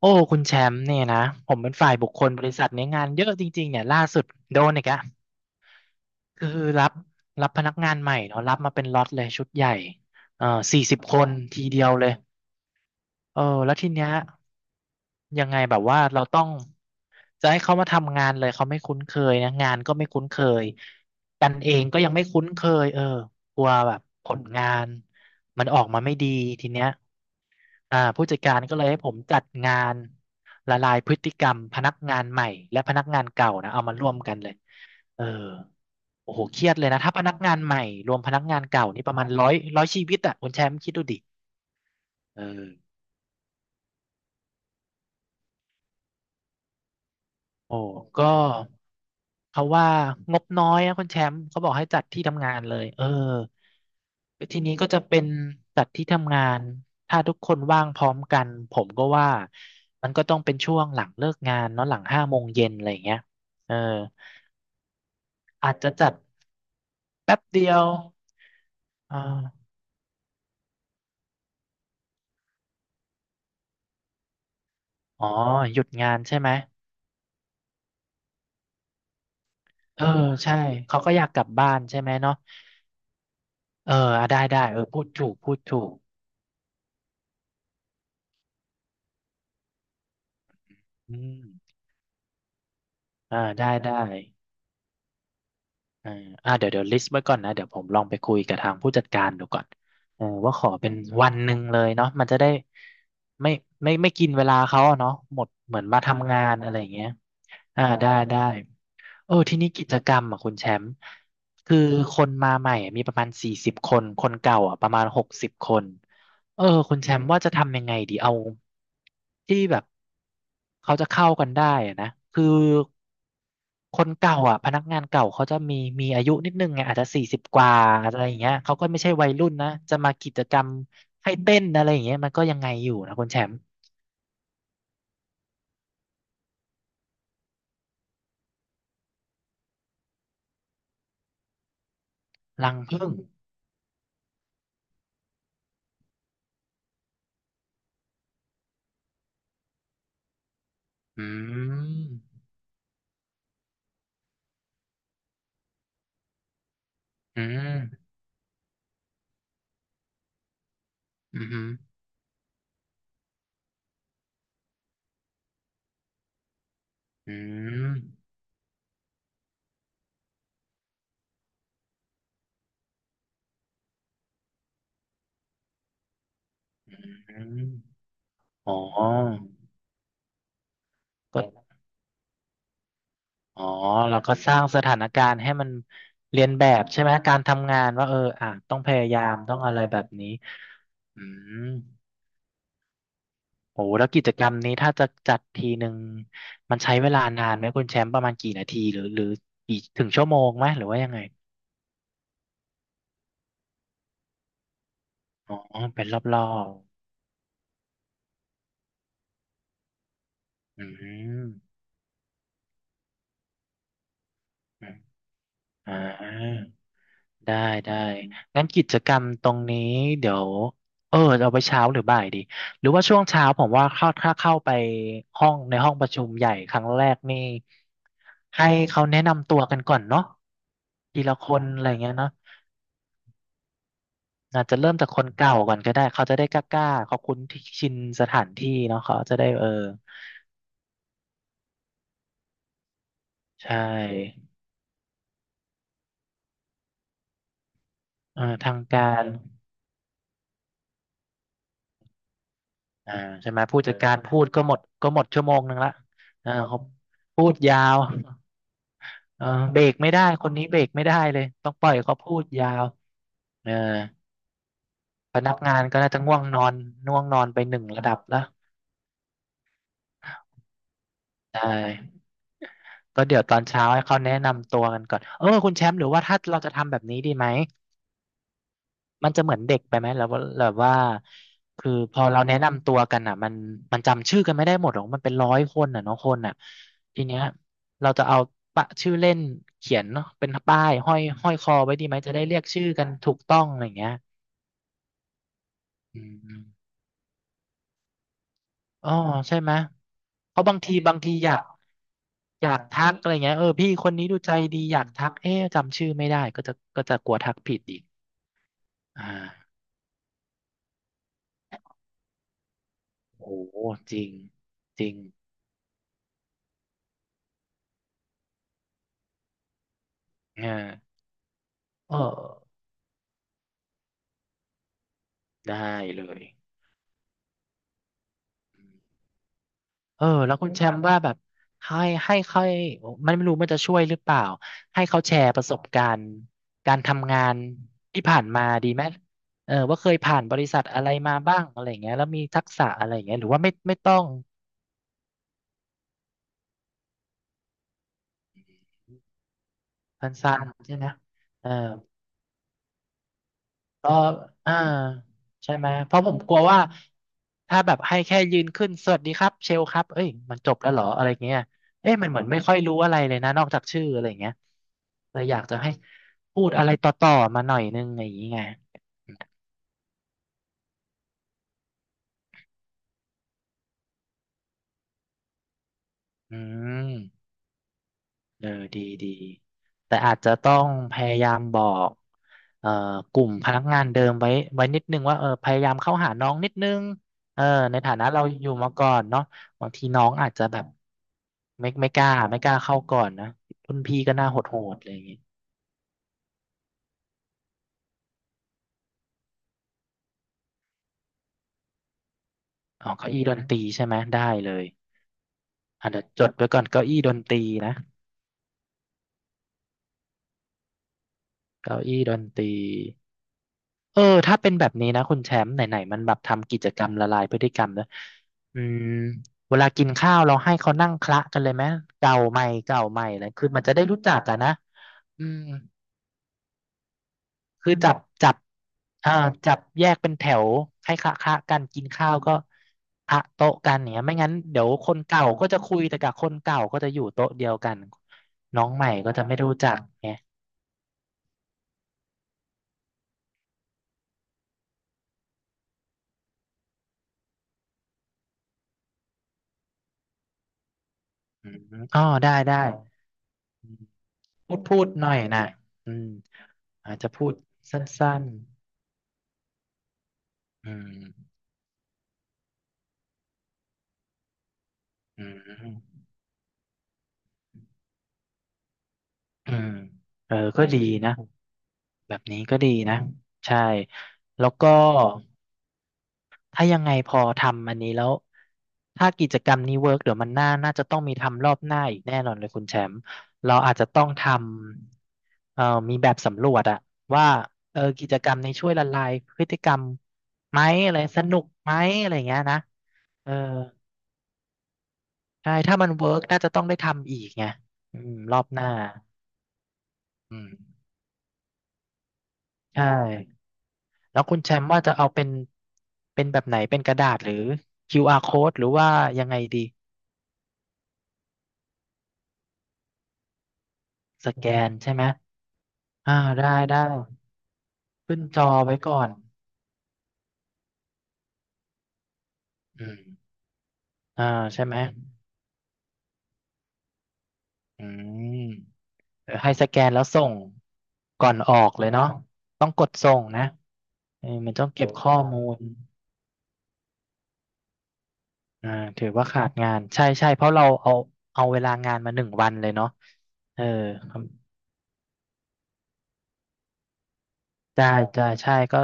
โอ้คุณแชมป์เนี่ยนะผมเป็นฝ่ายบุคคลบริษัทเนี่ยงานเยอะจริงๆเนี่ยล่าสุดโดนอีกอะคือรับรับพนักงานใหม่เนาะรับมาเป็นล็อตเลยชุดใหญ่เอ่อสี่สิบคนทีเดียวเลยเออแล้วทีเนี้ยยังไงแบบว่าเราต้องจะให้เขามาทำงานเลยเขาไม่คุ้นเคยนะงานก็ไม่คุ้นเคยกันเองก็ยังไม่คุ้นเคยเออกลัวแบบผลงานมันออกมาไม่ดีทีเนี้ย อ่าผู้จัดการก็เลยให้ผมจัดงานละลายพฤติกรรมพนักงานใหม่และพนักงานเก่านะเอามาร่วมกันเลยเออโอ้โหเครียดเลยนะถ้าพนักงานใหม่รวมพนักงานเก่านี่ประมาณร้อยชีวิตอ่ะคุณแชมป์คิดดูดิเออ โอ้ก็เขาว่างบน้อยนะคุณแชมป์เขาบอกให้จัดที่ทำงานเลยเออทีนี้ก็จะเป็นจัดที่ทำงานถ้าทุกคนว่างพร้อมกันผมก็ว่ามันก็ต้องเป็นช่วงหลังเลิกงานเนาะหลัง5 โมงเย็นอะไรอย่างเงี้ยเอออาจจะจัดแป๊บเดียวอาอ๋อหยุดงานใช่ไหมเออใช่เขาก็อยากกลับบ้านใช่ไหมเนาะเอออ่ะได้ได้เออพูดถูกพูดถูกอืมอ่าได้ได้ เอออ่าเดี๋ยวเดี๋ยวลิสต์ไว้ก่อนนะเดี๋ยวผมลองไปคุยกับทางผู้จัดการดูก่อนเออว่าขอเป็นวันหนึ่งเลยเนาะมันจะได้ไม่ไม่กินเวลาเขาอะเนาะหมดเหมือนมาทำงานอะไรอย่างเงี้ยอ่าได้ได้ เออทีนี้กิจกรรมอ่ะคุณแชมป์คือคนมาใหม่อะมีประมาณสี่สิบคนคนเก่าอ่ะประมาณ60 คนเออคุณแชมป์ว่าจะทำยังไงดีเอาที่แบบเขาจะเข้ากันได้อะนะคือคนเก่าอ่ะพนักงานเก่าเขาจะมีมีอายุนิดนึงไงอาจจะ40 กว่าอะไรอย่างเงี้ยเขาก็ไม่ใช่วัยรุ่นนะจะมากิจกรรมให้เต้นอะไรอย่างเงี้ยมันก็ยังไงอยู่นะคุณแชมป์รังผึ้งอืมอืมอืมออืม อืมอ๋อก็อ๋อแล้วก็สร้างสถานการณ์ให้มันเรียนแบบใช่ไหม การทำงานว่าเอออ่ะต้องพยายามต้องอะไรแบบนี้อืมโอ้แล้วกิจกรรมนี้ถ้าจะจัดทีหนึ่งมันใช้เวลานานไหมคุณแชมป์ประมาณกี่นาทีหรือหรือกี่ถึงชั่วโมงไหมหรือว่ายังไง อ๋อ เป็นรอบๆอืมอมอ่า ได้ได้งั้นกิจกรรมตรงนี้เดี๋ยวเออเอาไปเช้าหรือบ่ายดีหรือว่าช่วงเช้าผมว่าเข้าถ้าเข้าไปห้องในห้องประชุมใหญ่ครั้งแรกนี่ให้เขาแนะนำตัวกันก่อนเนาะทีละคนอะไรเงี้ยเนาะอาจจะเริ่มจากคนเก่าก่อนก็ได้เขาจะได้กล้าๆเขาคุ้นที่ชินสถานที่เนาะเขาจะได้เออใช่เออทางการอ่าใช่ไหมผู้จัดการพูดก็หมดชั่วโมงหนึ่งละอ่าเขาพูดยาว เออเบรกไม่ได้คนนี้เบรกไม่ได้เลยต้องปล่อยเขาพูดยาวเออพนักงานก็น่าจะง่วงนอนง่วงนอนไปหนึ่งระดับแล้วใช่ก็เดี๋ยวตอนเช้าให้เขาแนะนำตัวกันก่อนเออคุณแชมป์หรือว่าถ้าเราจะทำแบบนี้ดีไหมมันจะเหมือนเด็กไปไหมแล้วแบบว่าคือพอเราแนะนำตัวกันอ่ะมันมันจำชื่อกันไม่ได้หมดหรอกมันเป็น100 คนอ่ะเนาะคนอ่ะทีเนี้ยเราจะเอาปะชื่อเล่นเขียนเนาะเป็นป้ายห้อยคอไว้ดีไหมจะได้เรียกชื่อกันถูกต้องอะไรอย่างเงี้ยอืม อ๋อใช่ไหมเพราะบางทีบางทีอยากอยากทักอะไรเงี้ยเออพี่คนนี้ดูใจดีอยากทักเอ๊ะจำชื่อไม่ได้ก็จะกลัวทักผิดอีกอ่าโอ้โหจริงจริงอ่าเออได้เลยเออแล้วคุณแชมป์ว่าแบบให้ค่อยมันไม่รู้มันจะช่วยหรือเปล่าให้เขาแชร์ประสบการณ์การทำงานที่ผ่านมาดีไหมเออว่าเคยผ่านบริษัทอะไรมาบ้างอะไรอย่างเงี้ยแล้วมีทักษะอะไรอย่างเงี้ยหรือว่าไม่ต้อง สั้นๆใช่ไหมเออก็อ่าใช่ไหม เพราะผมกลัวว่าถ้าแบบให้แค่ยืนขึ้นสวัสดีครับเชลครับเอ้ยมันจบแล้วเหรออะไรเงี้ยเอ้ยมันเหมือนไม่ค่อยรู้อะไรเลยนะนอกจากชื่ออะไรเงี้ยเลยอยากจะให้พูดอะไรต่อๆ มาหน่อยนึงอย่างนี้ไงอืม เออดีดีแต่อาจจะต้องพยายามบอกเอ่อกลุ่มพนักงานเดิมไว้ไว้นิดนึงว่าเออพยายามเข้าหาน้องนิดนึงเออในฐานะเราอยู่มาก่อนเนาะบางทีน้องอาจจะแบบไม่กล้าเข้าก่อนนะรุ่นพี่ก็น่าโหดๆอะไรอย่างงี้อ๋อเก้าอี้ดนตรีใช่ไหมได้เลยอ่ะเดี๋ยวจดไว้ก่อนเก้าอี้ดนตรีนะเก้าอี้ดนตรี เออถ้าเป็นแบบนี้นะคุณแชมป์ไหนๆมันแบบทำกิจกรรมละลายพฤติกรรมนะอืมเวลากินข้าวเราให้เขานั่งคละกันเลยไหมเก่าใหม่เก่าใหม่อะไรคือมันจะได้รู้จักอะนะอืมคือจับอ่าจับแยกเป็นแถวให้คละคละกันกินข้าวก็ละโต๊ะกันเนี่ยไม่งั้นเดี๋ยวคนเก่าก็จะคุยแต่กับคนเก่าก็จะอยู่โต๊ะเดียวกันน้องใหม่ก็จะไม่รู้จักไงอืมอ๋อได้ได้อืมพูดหน่อยนะอืม อาจจะพูดสั้นๆอืมอืมอืมเออก็ดีนะแบบนี้ก็ดีนะ ใช่ แล้วก็ ถ้ายังไงพอทำอันนี้แล้ว ถ้ากิจกรรมนี้เวิร์กเดี๋ยวมันน่า น่าจะต้องมีทำรอบหน้าอีกแน่นอนเลยคุณแชมป์เราอาจจะต้องทำมีแบบสำรวจอะว่าเออกิจกรรมนี้ช่วยละลายพฤติกรรมไหมอะไรสนุกไหมอะไรเงี้ยนะเออ ใช่ถ้ามันเวิร์กน่าจะต้องได้ทำอีกไงอืมรอบหน้าอืมใช่แล้วคุณแชมป์ว่าจะเอาเป็นเป็นแบบไหนเป็นกระดาษหรือ QR code หรือว่ายังไงดีสแกนใช่ไหมอ่าได้ได้ขึ้นจอไว้ก่อนอืมอ่าใช่ไหมอืมเดี๋ยวให้สแกนแล้วส่งก่อนออกเลยเนาะต้องกดส่งนะเออมันต้องเก็บข้อมูล อ่าถือว่าขาดงานใช่ใช่เพราะเราเอาเอาเวลางานมาหนึ่งวันเลยเนาะเออครับได้ได้ใช่ก็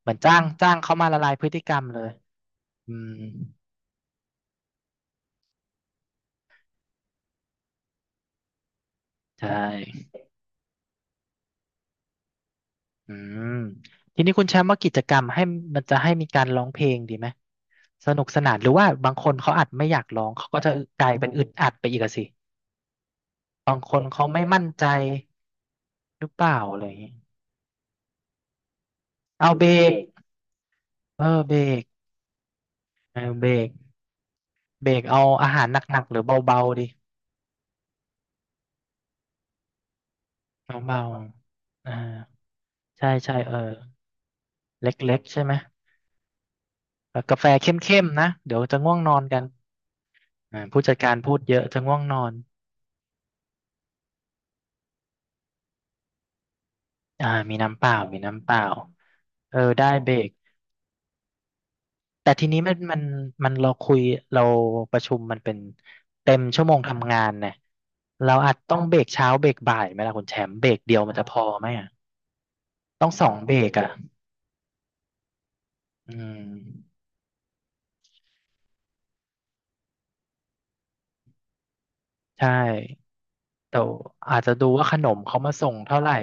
เหมือนจ้างเขามาละลายพฤติกรรมเลยอืมใช่อืมทีนี้คุณแชมป์ว่ากิจกรรมให้มันจะให้มีการร้องเพลงดีไหมสนุกสนานหรือว่าบางคนเขาอาจไม่อยากร้องเขาก็จะกลายเป็นอึดอัดไปอีกอะสิบางคนเขาไม่มั่นใจหรือเปล่าอะไรอย่างงี้เอาเบรกเออเบรกเออเบรกเบรกเอาอาหารหนักๆหรือเบาๆดี น้องเบาอ่าใช่ใช่ เออเล็กๆใช่ไหมแล้วกาแฟเข้มๆนะเดี๋ยวจะง่วงนอนกันอ่าผู้จัดการพูดเยอะจะง่วงนอนอ่ามีน้ำเปล่ามีน้ำเปล่าเออได้เบรกแต่ทีนี้มันเราคุยเราประชุมมันเป็นเต็มชั่วโมงทำงานเนี่ยเราอาจต้องเบรกเช้าเบรกบ่ายไหมล่ะคุณแชมป์เบรกเดียวมันจะพอไหมอ่ะต้อง2 เบรกอ่ะอืมใช่ แต่อาจจะดูว่าขนมเขามาส่งเท่าไหร่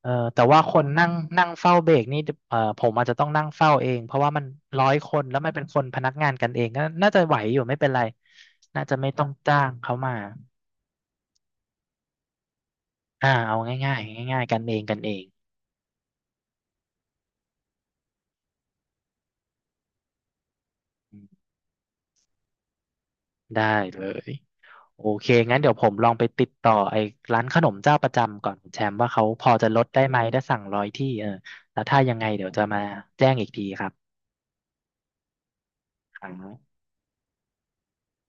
เออแต่ว่าคนนั่งนั่งเฝ้าเบรกนี่เออผมอาจจะต้องนั่งเฝ้าเองเพราะว่ามัน100 คนแล้วมันเป็นคนพนักงานกันเองก็น่าจะไหวอยู่ไม่เป็นไรน่าจะไม่ต้องจ้างเขามาอ่าเอาง่ายๆง่ายๆกันเองกันเองอืมได้เลยโอเคงั้นเดี๋ยวผมลองไปติดต่อไอ้ร้านขนมเจ้าประจำก่อนคุณแชมป์ว่าเขาพอจะลดได้ไหมถ้าสั่ง100 ที่เออแล้วถ้ายังไงเดี๋ยวจะมาแจ้งอีกทีครับครับ